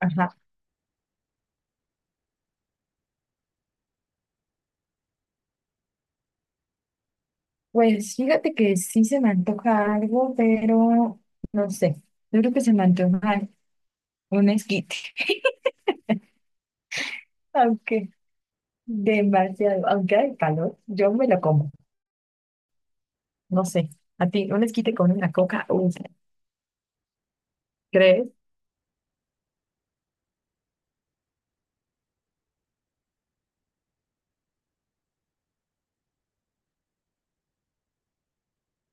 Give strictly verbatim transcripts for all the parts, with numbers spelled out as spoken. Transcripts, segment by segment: Ajá. Pues fíjate que sí se me antoja algo, pero no sé. Yo creo que se me antoja un esquite. Aunque demasiado, aunque hay calor, yo me lo como. No sé. A ti, un esquite con una coca, uf, ¿crees?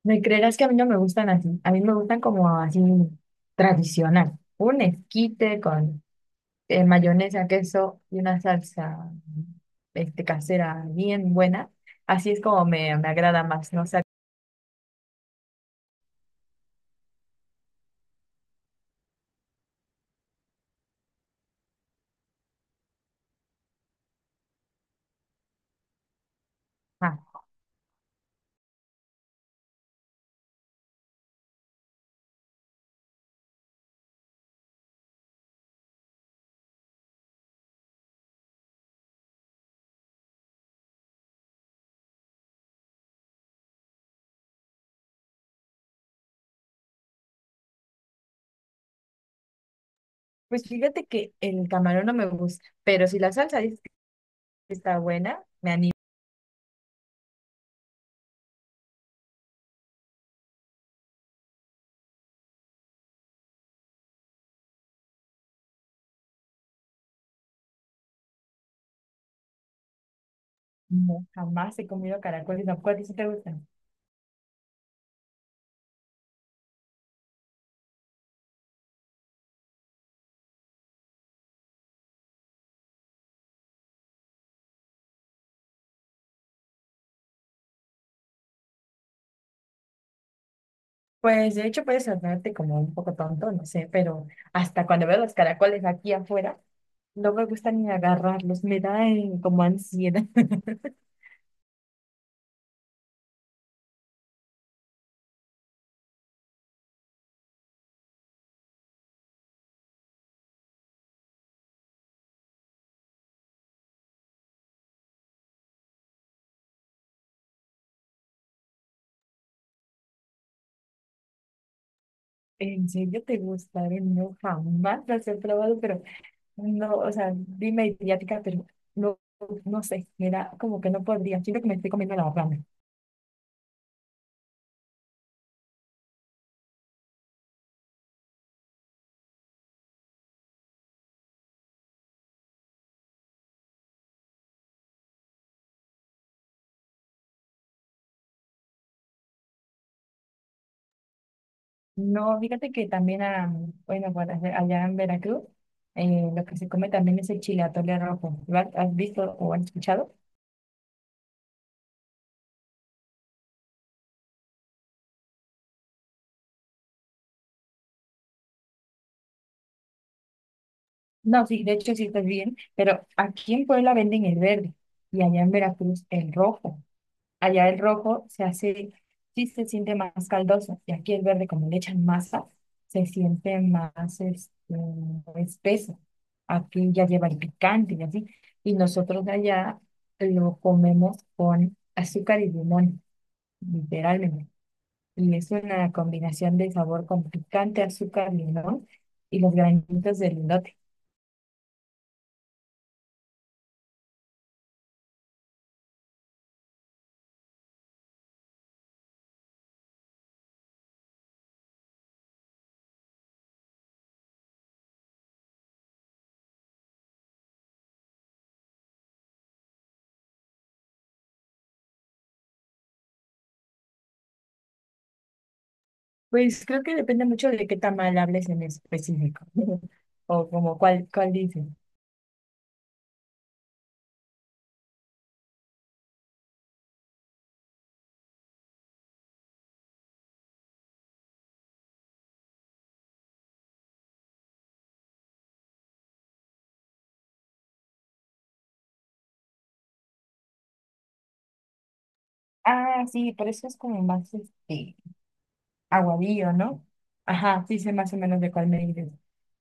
¿Me creerás que a mí no me gustan así? A mí me gustan como así tradicional. Un esquite con eh, mayonesa, queso y una salsa este, casera bien buena. Así es como me, me agrada más, no sé. Pues fíjate que el camarón no me gusta, pero si la salsa dices que está buena, me animo. No, jamás he comido caracoles, ¿no? ¿Cuáles sí te gustan? Pues de hecho puedes sonarte como un poco tonto, no sé, pero hasta cuando veo los caracoles aquí afuera, no me gusta ni agarrarlos, me da eh, como ansiedad. ¿En serio te gustaron? No, jamás las he probado, pero no, o sea, dime idiática, pero no, no sé, me da como que no podría, siento que me estoy comiendo la rana. No, fíjate que también, ah, bueno, bueno, allá en Veracruz, eh, lo que se come también es el chile atole rojo. ¿Lo has has visto o has escuchado? No, sí, de hecho sí estás bien, pero aquí en Puebla venden el verde y allá en Veracruz el rojo. Allá el rojo se hace, sí se siente más caldoso y aquí el verde, como le echan masa, se siente más este, espeso. Aquí ya lleva el picante y así. Y nosotros allá lo comemos con azúcar y limón. Literalmente. Y es una combinación de sabor con picante, azúcar, limón y los granitos de lindote. Pues creo que depende mucho de qué tamal hables en específico. O como cuál, cuál dices. Ah, sí, pero eso es como más este. Aguadillo, ¿no? Ajá, sí sé más o menos de cuál me dices.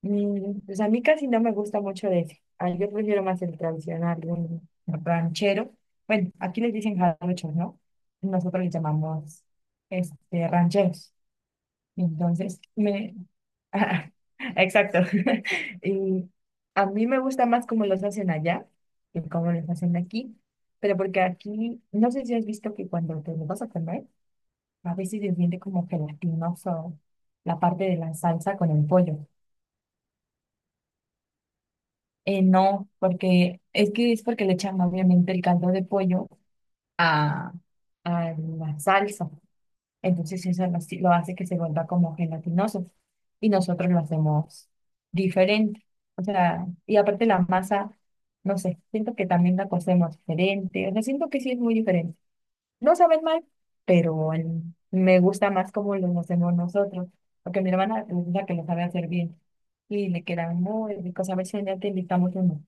Mm, pues a mí casi no me gusta mucho de ese. Ah, yo prefiero más el tradicional, el ranchero. Bueno, aquí les dicen jarochos, ¿no? Nosotros les llamamos este, rancheros. Entonces, me... ajá, exacto. Y a mí me gusta más cómo los hacen allá que cómo los hacen aquí. Pero porque aquí, no sé si has visto que cuando te lo vas a comer, a veces se siente como gelatinoso la parte de la salsa con el pollo. Eh, no, porque es que es porque le echan obviamente el caldo de pollo a, a la salsa. Entonces eso lo, lo hace que se vuelva como gelatinoso. Y nosotros lo hacemos diferente. O sea, y aparte la masa, no sé, siento que también la cocemos diferente. O sea, siento que sí es muy diferente. No saben mal, pero el- me gusta más como los hacemos nosotros, porque mi hermana es la que lo sabe hacer bien y le quedan muy ricos. A ver si un día te invitamos uno.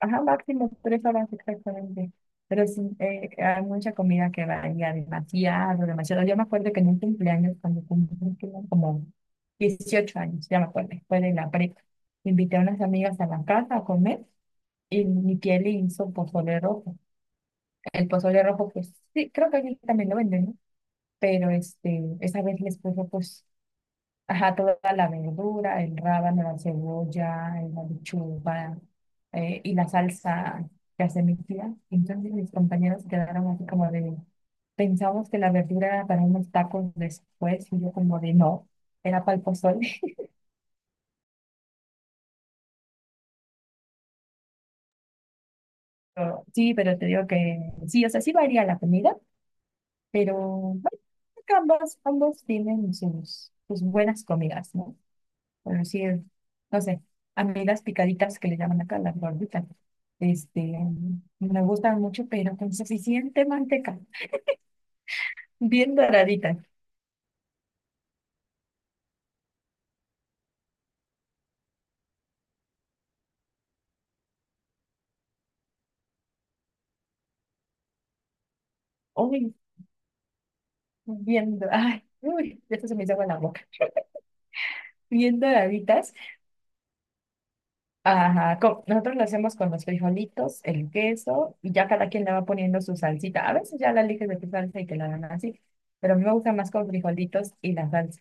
Ajá, máximo tres horas exactamente. Pero sí, eh, hay mucha comida que varía demasiado, demasiado. Yo me acuerdo que en un cumpleaños, cuando cumplí que eran como dieciocho años, ya me acuerdo, fue de la prepa, invité a unas amigas a la casa a comer y mi tía le hizo pozole rojo. El pozole rojo, pues sí, creo que aquí también lo venden, ¿no? Pero este, esa vez les puso pues, ajá, toda la verdura, el rábano, la cebolla, eh, la lechuga eh, y la salsa que hace mi tía. Entonces mis compañeros quedaron así como de, pensamos que la verdura era para unos tacos después y yo como de, no, era para el pozole. Pero, sí, pero te digo que sí, o sea, sí varía la comida, pero bueno, creo que ambos, ambos tienen sus, sus buenas comidas, ¿no? Pero sí es, no sé, a mí las picaditas que le llaman acá, las gorditas, este, me gustan mucho, pero con suficiente manteca, bien doraditas, uy, bien, do- ay, uy, ya se me hizo agua en la boca, bien doraditas, ajá, co- nosotros lo hacemos con los frijolitos, el queso, y ya cada quien le va poniendo su salsita, a veces ya la eliges de tu salsa y te la dan así, pero a mí me gusta más con frijolitos y la salsa.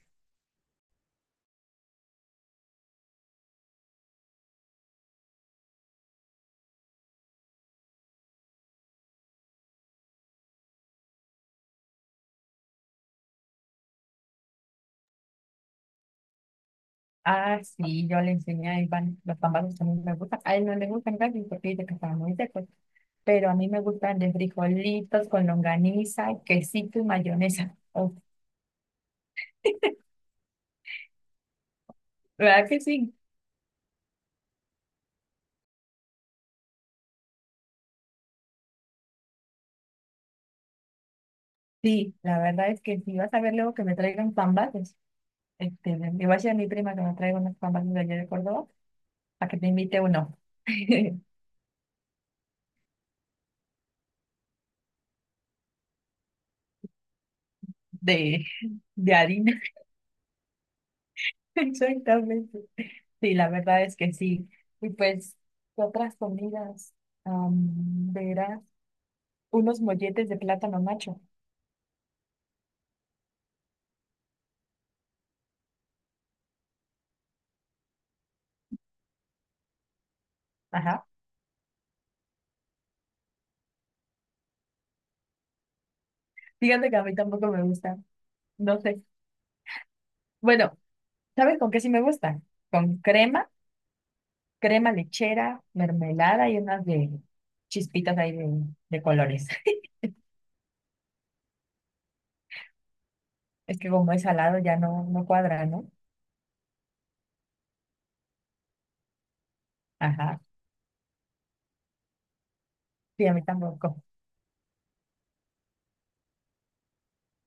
Ah, sí, yo le enseñé a Iván, los tamales también me gustan. A él no le gustan casi porque dice que están muy secos, pero a mí me gustan de frijolitos con longaniza, quesito y mayonesa. Uf, ¿verdad que sí? Sí, la verdad es que si vas a ver luego que me traigan pambazos, este, le voy a decir a mi prima que me traiga unos pambazos de allá de Córdoba, a que te invite uno de, de harina. Exactamente. Sí, la verdad es que sí. Y pues, ¿qué otras comidas? Verás unos molletes de plátano macho. Ajá. Fíjate que a mí tampoco me gustan. No sé. Bueno, ¿sabes con qué sí me gustan? Con crema, crema lechera, mermelada y unas de chispitas ahí de, de colores. Es que como es salado ya no, no cuadra, ¿no? Ajá. Sí, a mí tampoco.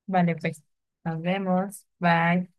Vale, pues. Nos vemos. Bye.